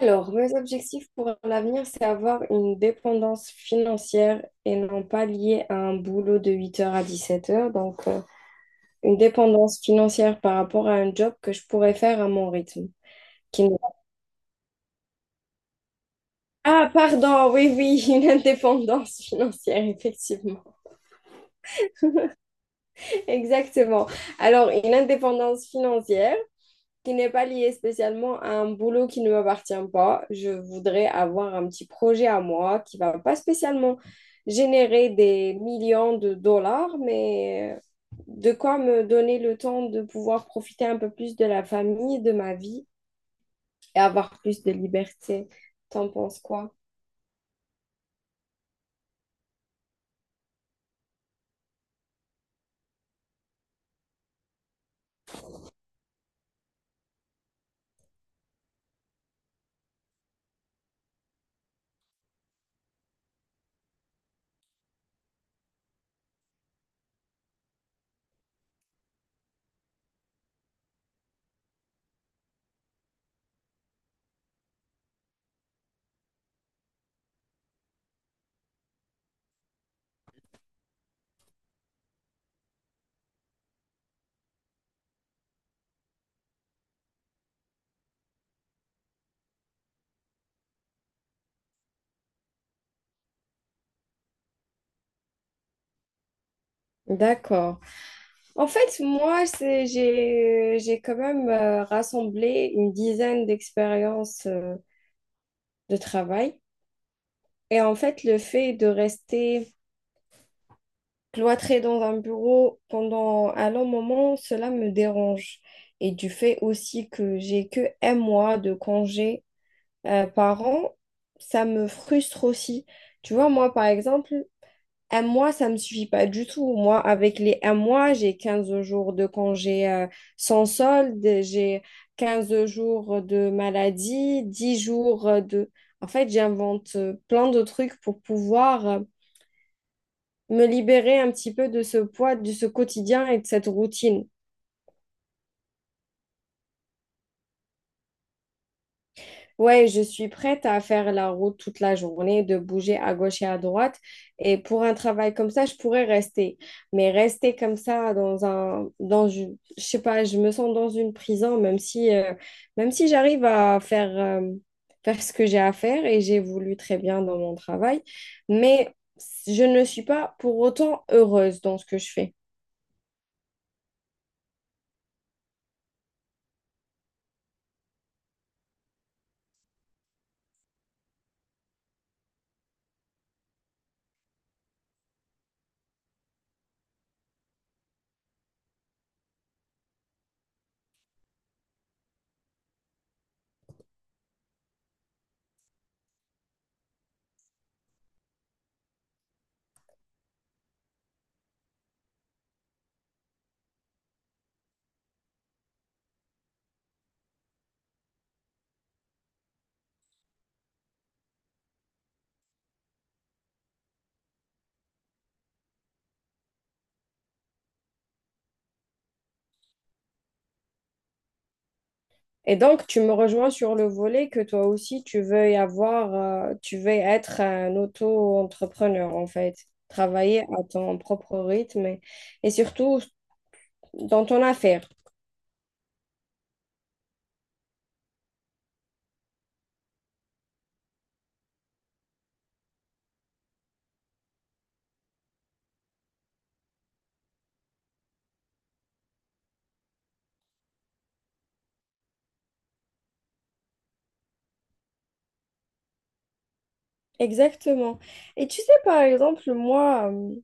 Alors, mes objectifs pour l'avenir, c'est avoir une dépendance financière et non pas liée à un boulot de 8 heures à 17 heures. Donc, une dépendance financière par rapport à un job que je pourrais faire à mon rythme. Qui ne- Ah, pardon, oui, oui, une indépendance financière, effectivement. Exactement. Alors, une indépendance financière qui n'est pas lié spécialement à un boulot qui ne m'appartient pas. Je voudrais avoir un petit projet à moi qui va pas spécialement générer des millions de dollars, mais de quoi me donner le temps de pouvoir profiter un peu plus de la famille, de ma vie et avoir plus de liberté. T'en penses quoi? D'accord. En fait, moi, j'ai quand même rassemblé une dizaine d'expériences de travail. Et en fait, le fait de rester cloîtrée dans un bureau pendant un long moment, cela me dérange. Et du fait aussi que j'ai que un mois de congé par an, ça me frustre aussi. Tu vois, moi, par exemple, un mois, ça me suffit pas du tout. Moi, avec les un mois, j'ai 15 jours de congé sans solde, j'ai 15 jours de maladie, 10 jours de... En fait, j'invente plein de trucs pour pouvoir... me libérer un petit peu de ce poids, de ce quotidien et de cette routine. Ouais, je suis prête à faire la route toute la journée, de bouger à gauche et à droite. Et pour un travail comme ça, je pourrais rester. Mais rester comme ça dans un, dans, une- je sais pas, je me sens dans une prison, même si j'arrive à faire, faire ce que j'ai à faire et j'évolue très bien dans mon travail. Mais je ne suis pas pour autant heureuse dans ce que je fais. Et donc, tu me rejoins sur le volet que toi aussi, tu veux être un auto-entrepreneur, en fait, travailler à ton propre rythme et surtout dans ton affaire. Exactement. Et tu sais, par exemple, moi,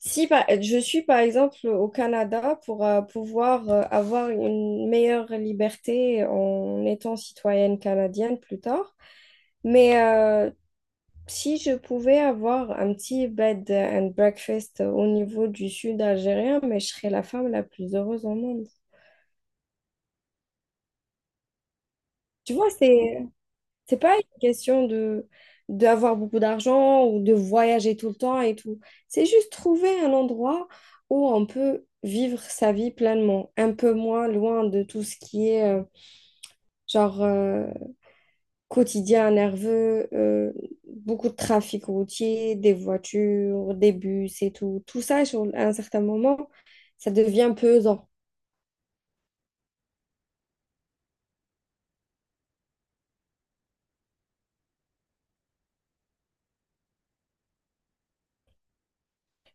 si par- je suis, par exemple, au Canada pour pouvoir avoir une meilleure liberté en étant citoyenne canadienne plus tard, mais si je pouvais avoir un petit bed and breakfast au niveau du sud algérien, mais je serais la femme la plus heureuse au monde. Tu vois, c'est pas une question de d'avoir beaucoup d'argent ou de voyager tout le temps et tout. C'est juste trouver un endroit où on peut vivre sa vie pleinement, un peu moins loin de tout ce qui est genre quotidien nerveux, beaucoup de trafic routier, des voitures, des bus et tout. Tout ça, à un certain moment, ça devient pesant.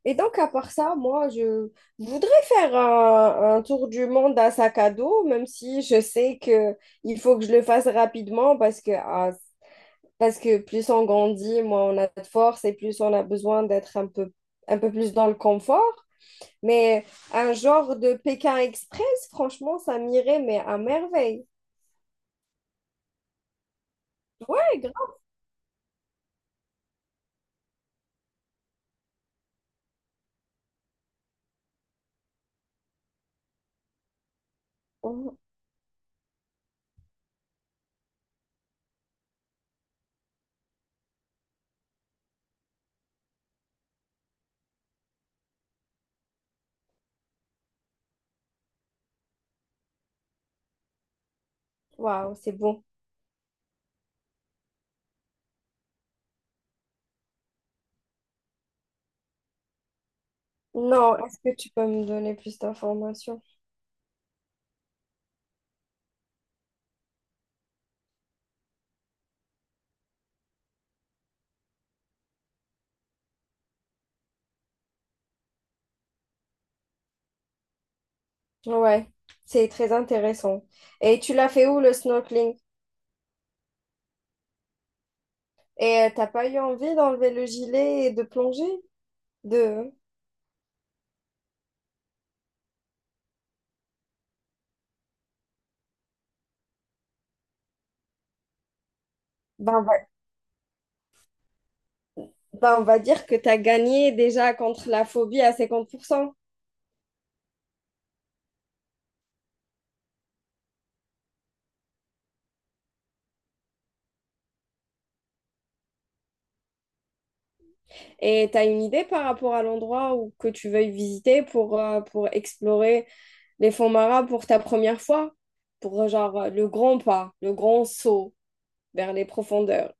Et donc, à part ça, moi, je voudrais faire un tour du monde à sac à dos, même si je sais que il faut que je le fasse rapidement parce que, ah, parce que plus on grandit, moins on a de force et plus on a besoin d'être un peu plus dans le confort. Mais un genre de Pékin Express, franchement, ça m'irait, mais à merveille. Ouais, grave. Oh, waouh, c'est bon. Non, est-ce que tu peux me donner plus d'informations? Ouais, c'est très intéressant. Et tu l'as fait où le snorkeling? Et t'as pas eu envie d'enlever le gilet et de plonger? De... Ben, ben, on va dire que t'as gagné déjà contre la phobie à 50%. Et t'as une idée par rapport à l'endroit où que tu veuilles visiter pour explorer les fonds marins pour ta première fois, pour genre le grand pas, le grand saut vers les profondeurs.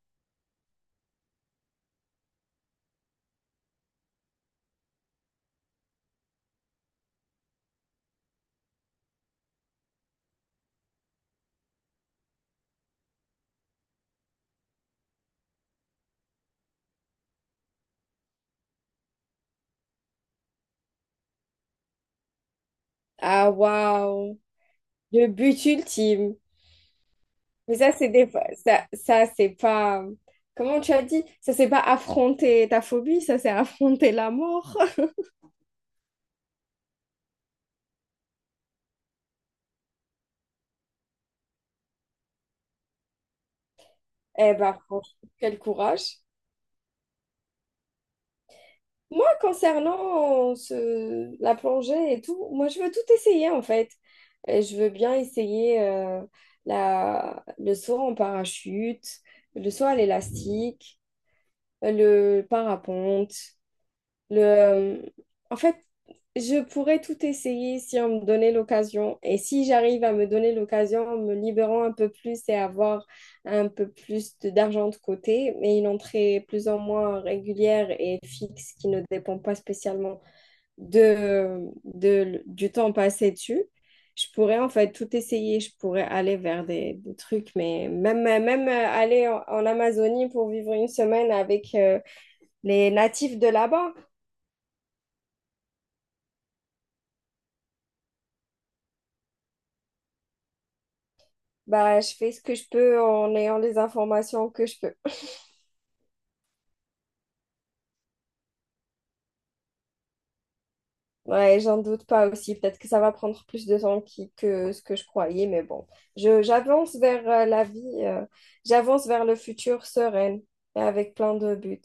Ah, waouh, le but ultime. Mais ça, c'est des... ça c'est pas... Comment tu as dit? Ça, c'est pas affronter ta phobie, ça, c'est affronter la mort. Eh ben, franchement, quel courage. Moi, concernant la plongée et tout, moi, je veux tout essayer en fait. Et je veux bien essayer le saut en parachute, le saut à l'élastique, le parapente, le... euh, en fait, je pourrais tout essayer si on me donnait l'occasion. Et si j'arrive à me donner l'occasion en me libérant un peu plus et avoir un peu plus d'argent de côté, mais une entrée plus ou moins régulière et fixe qui ne dépend pas spécialement du temps passé dessus, je pourrais en fait tout essayer. Je pourrais aller vers des trucs, mais même aller en Amazonie pour vivre une semaine avec les natifs de là-bas, bah, je fais ce que je peux en ayant les informations que je peux. Ouais, j'en doute pas aussi. Peut-être que ça va prendre plus de temps que ce que je croyais, mais bon, j'avance vers la vie, j'avance vers le futur sereine et avec plein de buts.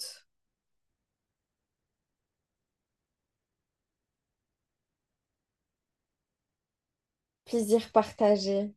Plaisir partagé.